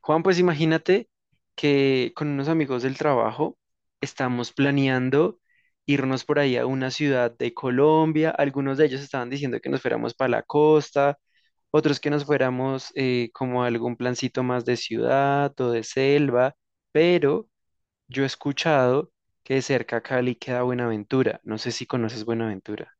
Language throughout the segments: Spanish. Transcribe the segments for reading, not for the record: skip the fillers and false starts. Juan, pues imagínate que con unos amigos del trabajo estamos planeando irnos por ahí a una ciudad de Colombia. Algunos de ellos estaban diciendo que nos fuéramos para la costa, otros que nos fuéramos como a algún plancito más de ciudad o de selva, pero yo he escuchado que de cerca a Cali queda Buenaventura. No sé si conoces Buenaventura.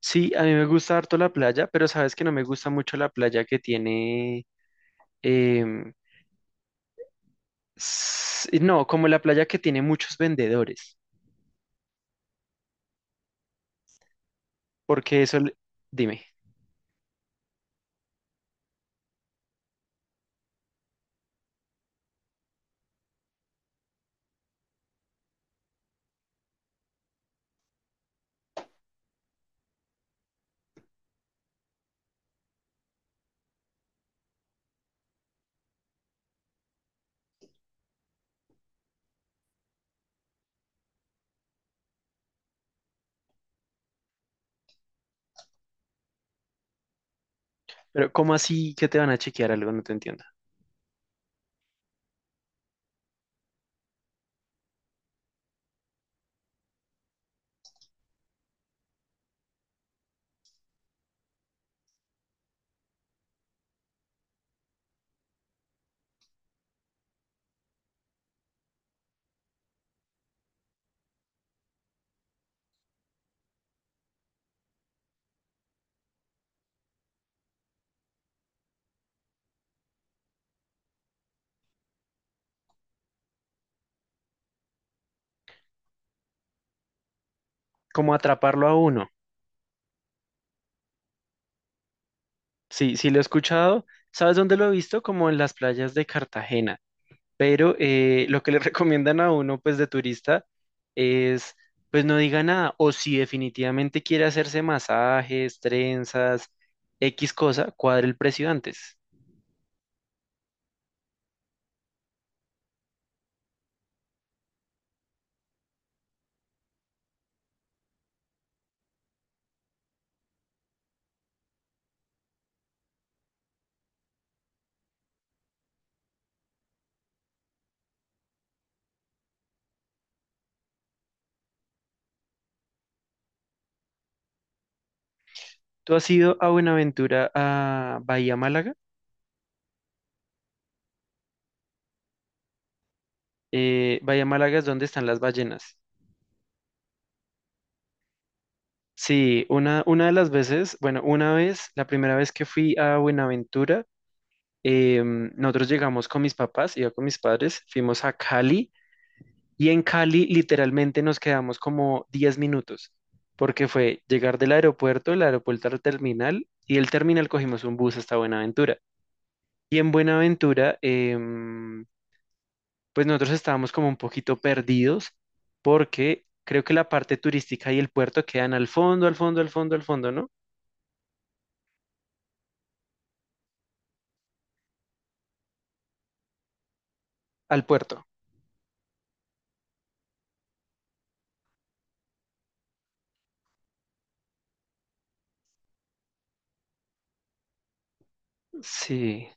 Sí, a mí me gusta harto la playa, pero sabes que no me gusta mucho la playa que tiene. No, como la playa que tiene muchos vendedores, porque eso, dime, pero ¿cómo así que te van a chequear algo? No te entiendo. ¿Cómo atraparlo a uno? Sí, sí lo he escuchado. ¿Sabes dónde lo he visto? Como en las playas de Cartagena. Pero lo que le recomiendan a uno, pues de turista, es, pues no diga nada. O si definitivamente quiere hacerse masajes, trenzas, X cosa, cuadre el precio antes. ¿Tú has ido a Buenaventura, a Bahía Málaga? Bahía Málaga es donde están las ballenas. Sí, una de las veces, bueno, una vez, la primera vez que fui a Buenaventura, nosotros llegamos con mis papás, iba con mis padres, fuimos a Cali y en Cali literalmente nos quedamos como 10 minutos, porque fue llegar del aeropuerto, el aeropuerto al terminal y del terminal cogimos un bus hasta Buenaventura. Y en Buenaventura, pues nosotros estábamos como un poquito perdidos porque creo que la parte turística y el puerto quedan al fondo, al fondo, al fondo, al fondo, ¿no? Al puerto. Sí,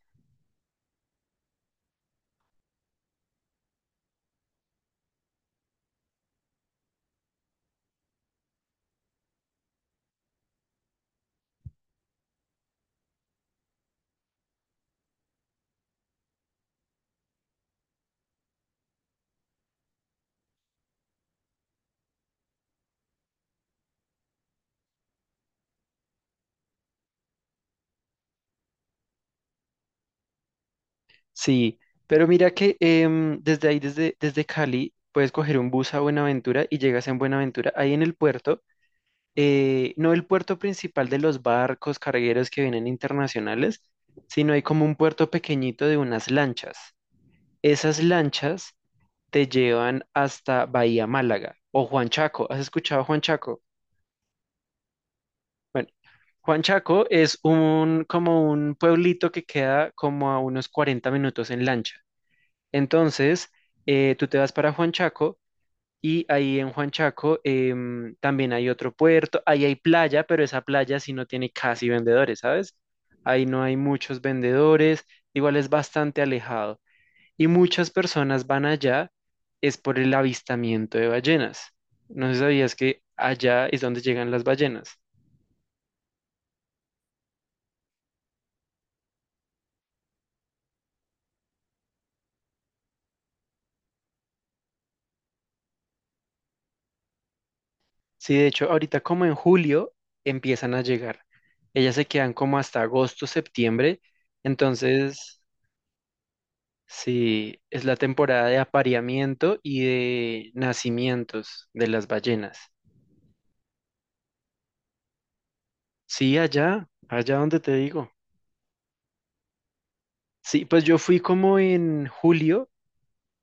sí. Pero mira que desde ahí, desde Cali, puedes coger un bus a Buenaventura y llegas en Buenaventura. Ahí en el puerto, no el puerto principal de los barcos cargueros que vienen internacionales, sino hay como un puerto pequeñito de unas lanchas. Esas lanchas te llevan hasta Bahía Málaga o Juan Chaco. ¿Has escuchado Juan Chaco? Bueno, Juan Chaco es un como un pueblito que queda como a unos 40 minutos en lancha. Entonces, tú te vas para Juan Chaco y ahí en Juan Chaco también hay otro puerto, ahí hay playa, pero esa playa sí no tiene casi vendedores, ¿sabes? Ahí no hay muchos vendedores, igual es bastante alejado. Y muchas personas van allá es por el avistamiento de ballenas. No sé si sabías que allá es donde llegan las ballenas. Sí, de hecho, ahorita como en julio empiezan a llegar. Ellas se quedan como hasta agosto, septiembre. Entonces, sí, es la temporada de apareamiento y de nacimientos de las ballenas. Sí, allá, allá donde te digo. Sí, pues yo fui como en julio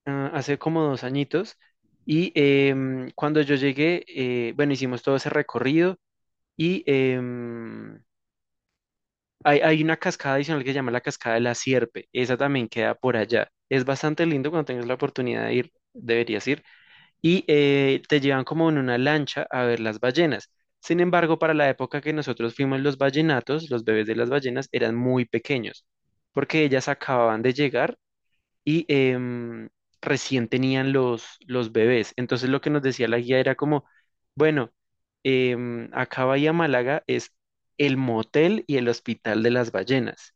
hace como 2 añitos y cuando yo llegué, bueno, hicimos todo ese recorrido y hay, hay una cascada adicional que se llama la Cascada de la Sierpe, esa también queda por allá. Es bastante lindo cuando tengas la oportunidad de ir, deberías ir, y te llevan como en una lancha a ver las ballenas. Sin embargo, para la época que nosotros fuimos, los ballenatos, los bebés de las ballenas, eran muy pequeños, porque ellas acababan de llegar y recién tenían los bebés. Entonces lo que nos decía la guía era como, bueno, acá Bahía Málaga es el motel y el hospital de las ballenas.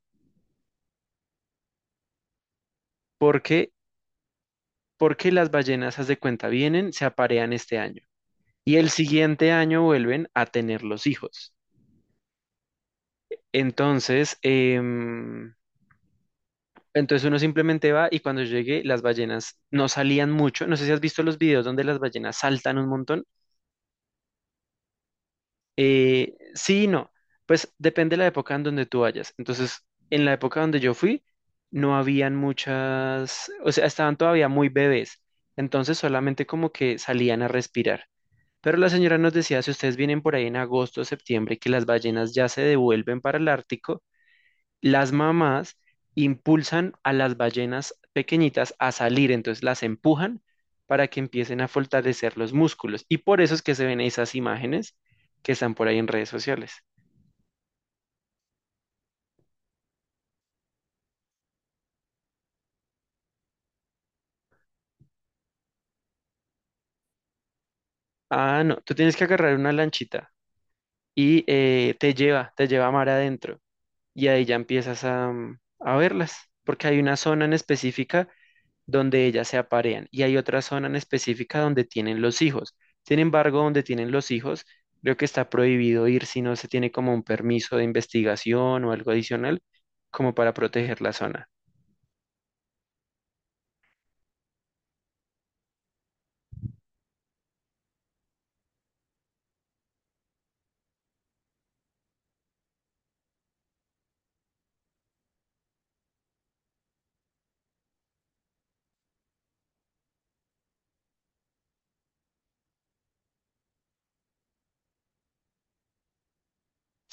¿Por qué? Porque las ballenas, haz de cuenta, vienen, se aparean este año y el siguiente año vuelven a tener los hijos. Entonces, em, entonces uno simplemente va y cuando llegue las ballenas no salían mucho. No sé si has visto los videos donde las ballenas saltan un montón. Sí y no. Pues depende de la época en donde tú vayas. Entonces, en la época donde yo fui, no habían muchas, o sea, estaban todavía muy bebés. Entonces, solamente como que salían a respirar. Pero la señora nos decía, si ustedes vienen por ahí en agosto o septiembre, que las ballenas ya se devuelven para el Ártico las mamás impulsan a las ballenas pequeñitas a salir, entonces las empujan para que empiecen a fortalecer los músculos. Y por eso es que se ven esas imágenes que están por ahí en redes sociales. Ah, no, tú tienes que agarrar una lanchita y te lleva a mar adentro y ahí ya empiezas a verlas, porque hay una zona en específica donde ellas se aparean y hay otra zona en específica donde tienen los hijos. Sin embargo, donde tienen los hijos, creo que está prohibido ir si no se tiene como un permiso de investigación o algo adicional como para proteger la zona.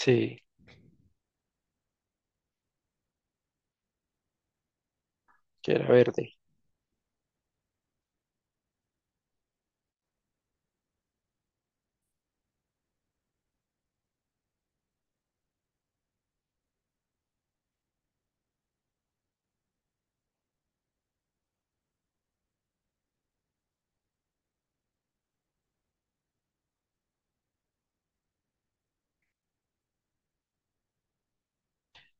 Sí, que era verde.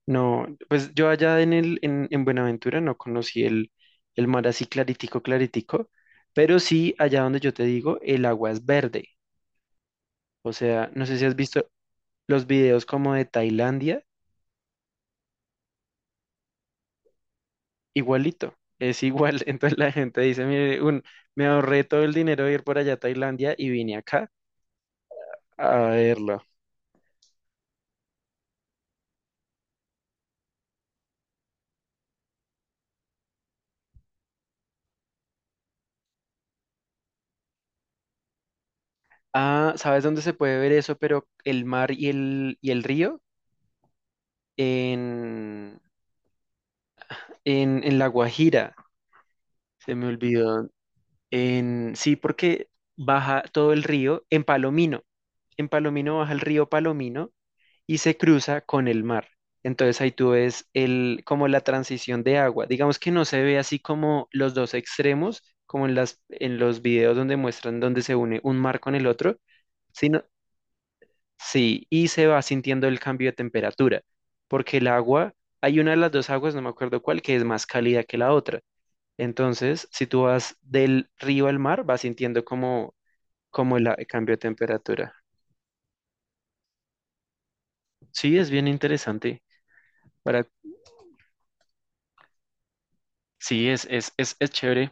No, pues yo allá en en Buenaventura no conocí el mar así claritico, claritico, pero sí allá donde yo te digo, el agua es verde. O sea, no sé si has visto los videos como de Tailandia igualito, es igual. Entonces la gente dice, mire, me ahorré todo el dinero de ir por allá a Tailandia y vine acá a verlo. Ah, ¿sabes dónde se puede ver eso? Pero el mar y el río en, en La Guajira, se me olvidó. Sí, porque baja todo el río en Palomino. En Palomino baja el río Palomino y se cruza con el mar. Entonces ahí tú ves como la transición de agua. Digamos que no se ve así como los dos extremos, como en los videos donde muestran donde se une un mar con el otro, sino, sí, y se va sintiendo el cambio de temperatura, porque el agua, hay una de las dos aguas, no me acuerdo cuál, que es más cálida que la otra. Entonces, si tú vas del río al mar, vas sintiendo como, como el cambio de temperatura. Sí, es bien interesante. Para, sí, es chévere.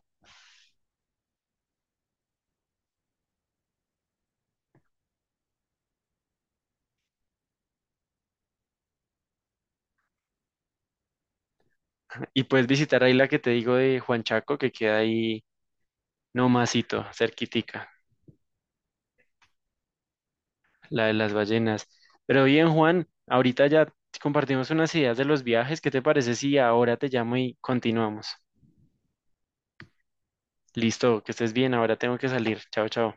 Y puedes visitar ahí la que te digo de Juan Chaco, que queda ahí nomasito, cerquitica, la de las ballenas. Pero bien, Juan, ahorita ya compartimos unas ideas de los viajes. ¿Qué te parece si ahora te llamo y continuamos? Listo, que estés bien, ahora tengo que salir. Chao, chao.